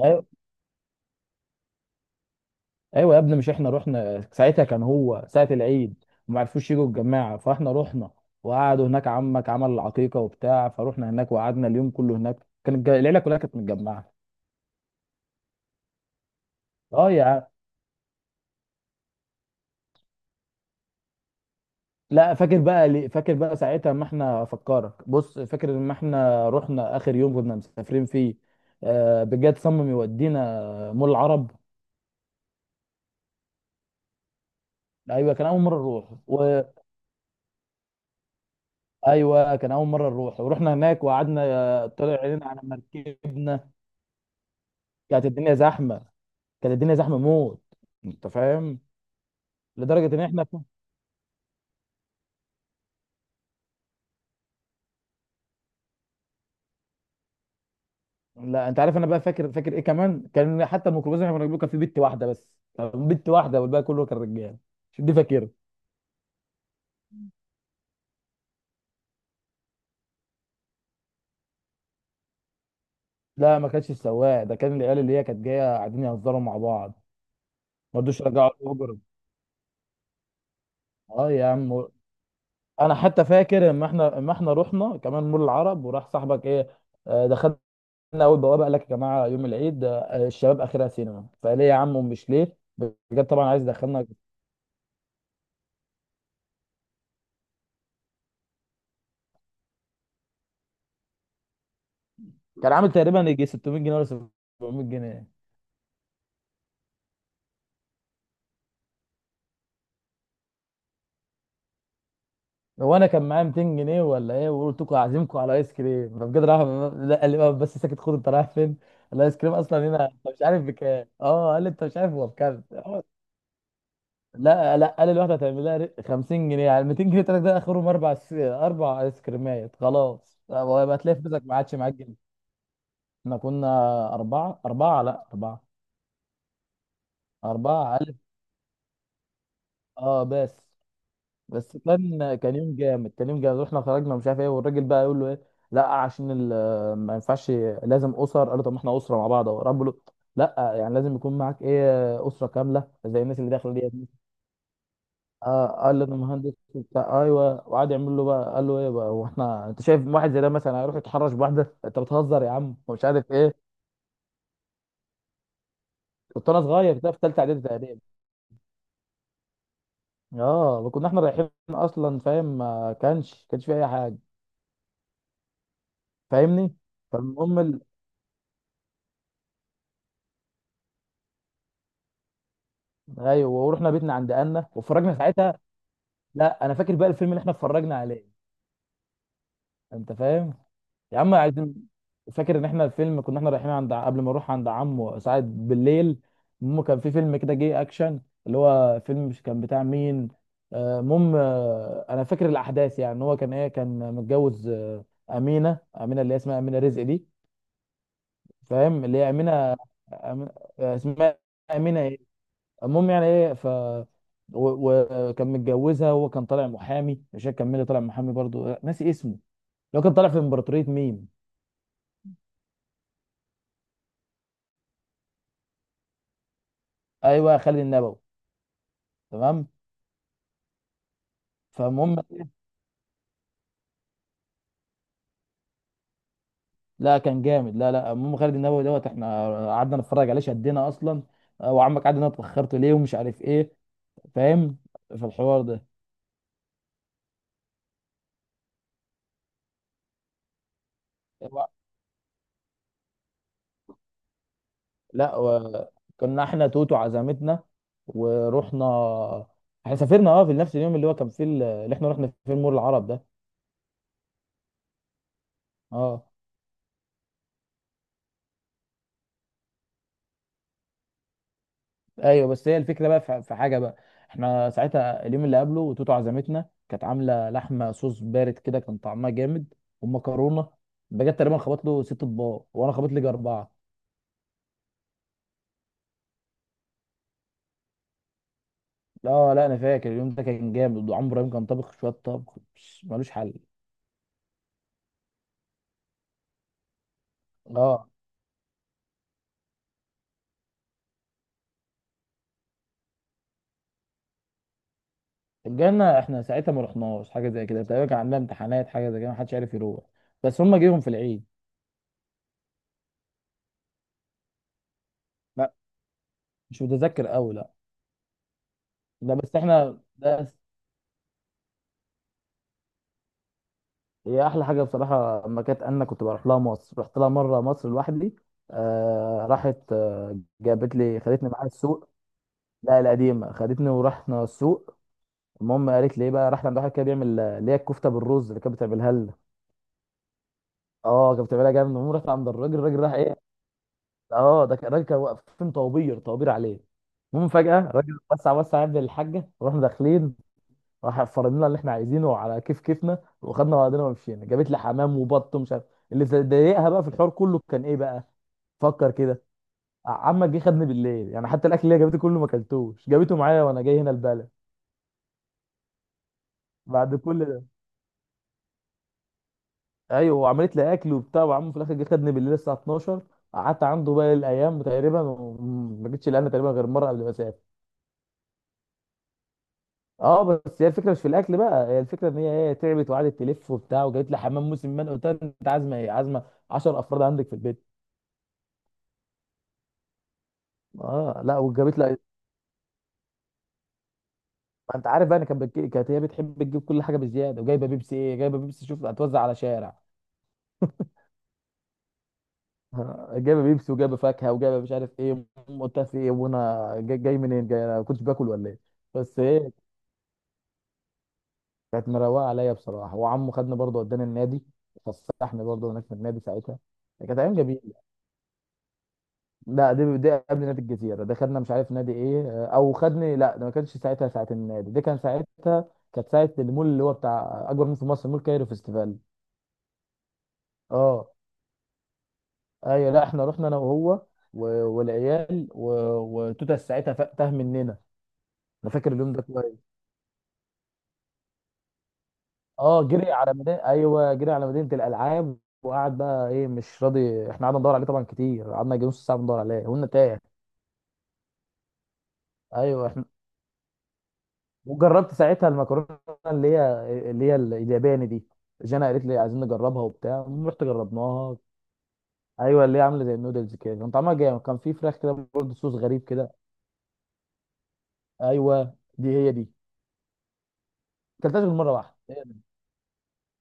ايوه ايوه يا ابني، مش احنا رحنا ساعتها؟ كان هو ساعه العيد وما عرفوش يجوا الجماعه فاحنا رحنا وقعدوا هناك. عمك عمل العقيقه وبتاع فروحنا هناك وقعدنا اليوم كله هناك، كانت العيله كلها كانت متجمعه. اه يا عم. لا فاكر بقى، فاكر بقى ساعتها، ما احنا افكرك، بص فاكر لما احنا رحنا اخر يوم كنا مسافرين فيه؟ آه بجد، صمم يودينا مول العرب. ايوه كان اول مره نروح. وايوه كان اول مره نروح، ورحنا هناك وقعدنا، طلع عينينا على مركبنا. كانت الدنيا زحمه. كانت الدنيا زحمه موت. انت فاهم؟ لدرجه ان احنا لا انت عارف، انا بقى فاكر ايه كمان؟ كان حتى الميكروباص اللي احنا كنا بنركبه كان فيه بت واحده بس، بت واحده والباقي كله كان رجاله. مش دي فاكر؟ لا، ما كانش السواق ده، كان العيال اللي هي كانت جايه قاعدين يهزروا مع بعض، ما رضوش يرجعوا الاجر. اه يا عم. انا حتى فاكر اما احنا رحنا كمان مول العرب وراح صاحبك ايه، دخلنا اول بوابه، قال لك يا جماعه يوم العيد، الشباب اخرها سينما. فقال ليه يا عم، مش ليه بجد طبعا، عايز يدخلنا. كان عامل تقريبا يجي 600 جنيه ولا 700 جنيه. هو انا كان معايا 200 جنيه ولا ايه، وقلت لكم اعزمكم على ايس كريم فبجد راح. لا قال لي بقى، بس ساكت، خد انت رايح فين؟ الايس كريم اصلا هنا انت مش عارف بكام؟ اه، قال لي انت مش عارف هو بكام؟ لا لا، قال لي الواحده هتعمل لها 50 جنيه، يعني 200 جنيه تلاتة ده اخرهم، اربع ايس كريمات خلاص، ويبقى تلاقي فلوسك ما عادش معاك جنيه. احنا كنا اربعه اربعه لا اربعه. اربعه الف. اه بس. بس كان يوم جامد، كان يوم جامد. واحنا خرجنا، مش عارف ايه، والراجل بقى يقول له ايه؟ لا عشان ما ينفعش، لازم اسر. قال له طب ما احنا اسره مع بعض اهو، رب له. لا يعني لازم يكون معاك ايه، اسره كامله زي الناس اللي داخله دي. آه قال له انا مهندس وبتاع. ايوه وقعد يعمل له بقى، قال له ايه بقى، هو احنا، انت شايف واحد زي ده مثلا هيروح يتحرش بواحده؟ انت بتهزر يا عم، ومش عارف ايه. كنت انا صغير كده في ثالثه اعدادي تقريبا. اه كنا احنا رايحين اصلا، فاهم؟ ما كانش، كانش في اي حاجه. فاهمني؟ فالمهم، ايوه ورحنا بيتنا عند انا، واتفرجنا ساعتها. لا انا فاكر بقى الفيلم اللي احنا اتفرجنا عليه. انت فاهم؟ يا عم عايزين. فاكر ان احنا الفيلم، كنا احنا رايحين عند قبل ما نروح عند عمو، ساعات بالليل. المهم كان في فيلم كده جه اكشن، اللي هو فيلم مش كان بتاع مين، المهم. انا فاكر الاحداث، يعني إن هو كان ايه، كان متجوز، امينه، اللي هي اسمها امينه رزق دي. فاهم؟ اللي هي امينه. أم... اسمها امينه إيه؟ المهم يعني ايه، وكان متجوزها. هو كان طالع محامي، مش فاكر كان مين اللي طالع محامي، برضو ناسي اسمه. اللي هو كان طالع في امبراطورية ميم. ايوه خالد النبوي. تمام. فالمهم، لا كان جامد، لا لا، المهم خالد النبوي دوت، احنا قعدنا نتفرج عليه شدينا اصلا. وعمك قعد انا اتاخرت ليه ومش عارف ايه. فاهم؟ في الحوار ده. لا و... كنا احنا توتو عزمتنا ورحنا. احنا سافرنا اه في نفس اليوم اللي هو كان فيه اللي احنا رحنا فيه المول العرب ده. اه. ايوه بس هي الفكره بقى، في حاجه بقى. احنا ساعتها اليوم اللي قبله توتو عزمتنا كانت عامله لحمه صوص بارد كده، كان طعمها جامد. ومكرونه، بجد تقريبا خبط له ست اطباق وانا خبط لي اربعه. لا لا انا فاكر اليوم ده كان جامد، وعمرو ابراهيم كان طابخ شويه طبخ بس ملوش حل. اه. الجنه احنا ساعتها ما رحناش حاجه زي كده تقريبا، كان عندنا امتحانات حاجه زي كده، ما حدش عارف يروح، بس هم جيهم في العيد. لا مش متذكر قوي، لا. ده بس احنا ده. هي احلى حاجه بصراحه اما كانت، انا كنت بروح لها مصر، رحت لها مره مصر لوحدي، آه راحت آه جابت لي، خدتني معاها السوق. لا القديمه، خدتني ورحنا السوق. المهم قالت لي ايه بقى، رحنا عند واحد كده بيعمل، اللي هي الكفته بالرز اللي كانت بتعملها لنا. اه كانت بتعملها جامد. المهم رحت عند الراجل، الراجل راح ايه. اه الراجل كان واقفين طوابير طوابير عليه. المهم فجاه الراجل وسع وسع عند الحاجه ورحنا داخلين. راح فرض لنا اللي احنا عايزينه على كيف كيفنا، وخدنا بعضنا ومشينا، جابت لي حمام وبط ومش عارف. اللي ضايقها بقى في الحوار كله كان ايه بقى؟ فكر كده. عمك جه خدني بالليل، يعني حتى الاكل اللي هي جابته كله ما اكلتوش، جابته معايا وانا جاي هنا البلد. بعد كل ده. ايوه وعملت لي اكل وبتاع، وعمه في الاخر جه خدني بالليل الساعه 12. قعدت عنده باقي الايام تقريبا، وما جيتش لأنا تقريبا غير مره قبل ما اسافر. اه بس هي الفكره مش في الاكل بقى، هي الفكره ان هي ايه، تعبت وقعدت تلف وبتاع، وجابت لي حمام موسم. من قلت لها انت عازمه ايه؟ عازمه 10 افراد عندك في البيت. اه لا وجابت لها. ما انت عارف بقى ان كانت هي بتحب تجيب كل حاجه بزياده، وجايبه بيبسي ايه، جايبه بيبسي شوف هتوزع على شارع. جايبه بيبسي، وجايبه فاكهه، وجايبه مش عارف ايه. قلت لها في ايه وانا جاي, جاي منين، انا ما كنتش باكل ولا ايه؟ بس ايه، كانت مروقه عليا بصراحه، وعمه خدني برضه وداني النادي، فسحني برضه هناك في النادي ساعتها. كانت ايام جميله. لا، دي قبل نادي الجزيره، ده خدنا مش عارف نادي ايه، او خدني لا ده ما كانش ساعتها ساعه النادي دي، كان ساعتها كانت ساعه المول، اللي هو بتاع اكبر مول في مصر، مول كايرو فيستيفال. اه. ايوه لا احنا رحنا انا وهو، والعيال وتوتة ساعتها تاه مننا. انا فاكر اليوم ده كويس. اه جري على مدينه، ايوه جري على مدينه الالعاب، وقعد بقى ايه مش راضي، احنا قعدنا ندور عليه طبعا كتير، قعدنا يجي نص ساعه بندور عليه، قلنا تاه. ايوه احنا، وجربت ساعتها المكرونه، اللي هي اللي هي الياباني دي. جانا قالت لي عايزين نجربها وبتاع، رحت جربناها. ايوه اللي هي عامله زي النودلز كده، كان طعمها جامد، كان في فراخ كده برضه، صوص غريب كده. ايوه دي هي دي. كلتهاش غير مره واحده.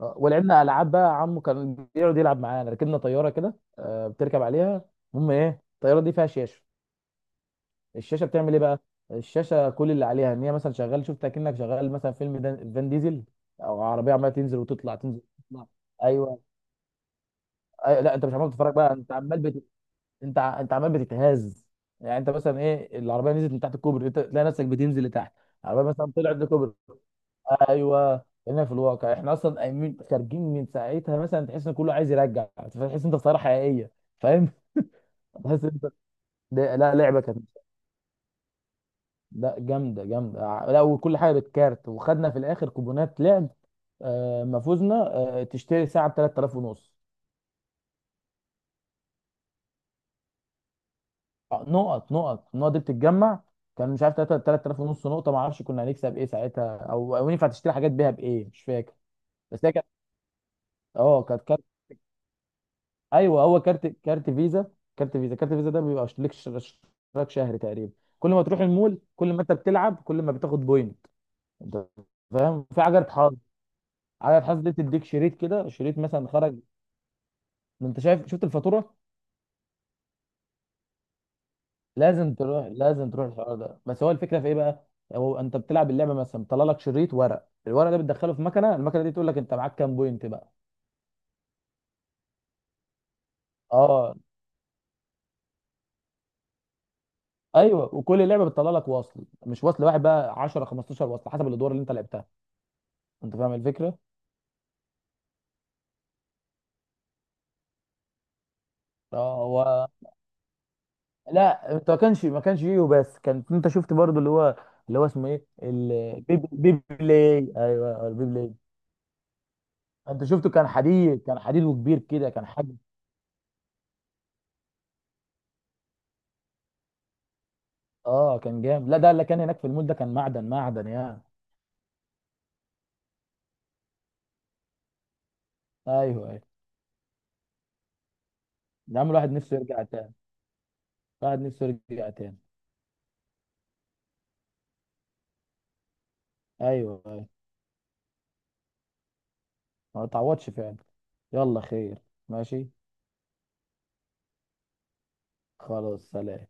ولعبنا العاب بقى، عمو كان بيقعد يلعب معانا، ركبنا طياره كده، بتركب عليها. المهم ايه، الطياره دي فيها شاشه. الشاشه بتعمل ايه بقى؟ الشاشه كل اللي عليها ان هي مثلا شغال، شفت اكنك شغال مثلا فيلم فان ديزل، او عربيه عماله تنزل وتطلع، تنزل وتطلع. ايوه. لا انت مش عمال تتفرج بقى، انت عمال انت عمال بتتهز. يعني انت مثلا ايه، العربيه نزلت من تحت الكوبري، انت تلاقي نفسك بتنزل لتحت. العربيه مثلا طلعت لكوبري. ايوه هنا في الواقع، احنا اصلا قايمين خارجين من ساعتها، مثلا تحس ان كله عايز يرجع، فتحس انت خساره حقيقيه. فاهم؟ تحس انت. لا لعبه كانت. لا جامده جامده لا، وكل حاجه بالكارت، وخدنا في الاخر كوبونات لعب. ما فوزنا. تشتري ساعه ب 3000 ونص. نقط، النقط دي بتتجمع. كان مش عارف 3000 ونص نقطه، ما اعرفش كنا هنكسب ايه ساعتها، او او ينفع تشتري حاجات بيها بايه، مش فاكر. بس هي كانت، اه كانت. ايوه هو كارت، كارت فيزا. كارت فيزا ده بيبقى ليك اشتراك شهري تقريبا، كل ما تروح المول، كل ما انت بتلعب، كل ما بتاخد بوينت. انت فاهم؟ في عجله حظ، عجله حظ دي بتديك شريط كده، شريط مثلا خرج. ما انت شايف، شفت الفاتوره. لازم تروح، لازم تروح الحوار ده. بس هو الفكره في ايه بقى، هو انت بتلعب اللعبه مثلا، طلع لك شريط ورق، الورق ده بتدخله في مكنه، المكنه دي تقول لك انت معاك كام بوينت بقى. اه. ايوه، وكل لعبه بتطلع لك وصل، مش وصل واحد بقى، 10 15 وصل حسب الادوار اللي انت لعبتها. انت فاهم الفكره. اه هو. لا انت ما كانش فيه، بس كان انت شفت برضو اللي هو، اللي هو اسمه ايه، البيب بيبلي، ايوه البيبلي. انت شفته كان حديد، كان حديد وكبير كده، كان حجم. اه كان جامد، لا ده اللي كان هناك في المول ده كان معدن معدن يعني. ايوه ايوه. يا عم الواحد نفسه يرجع تاني. الواحد نفسه يرجع تاني. ايوه ايوه. ما تعوضش فعلا. يلا خير. ماشي. خلاص سلام.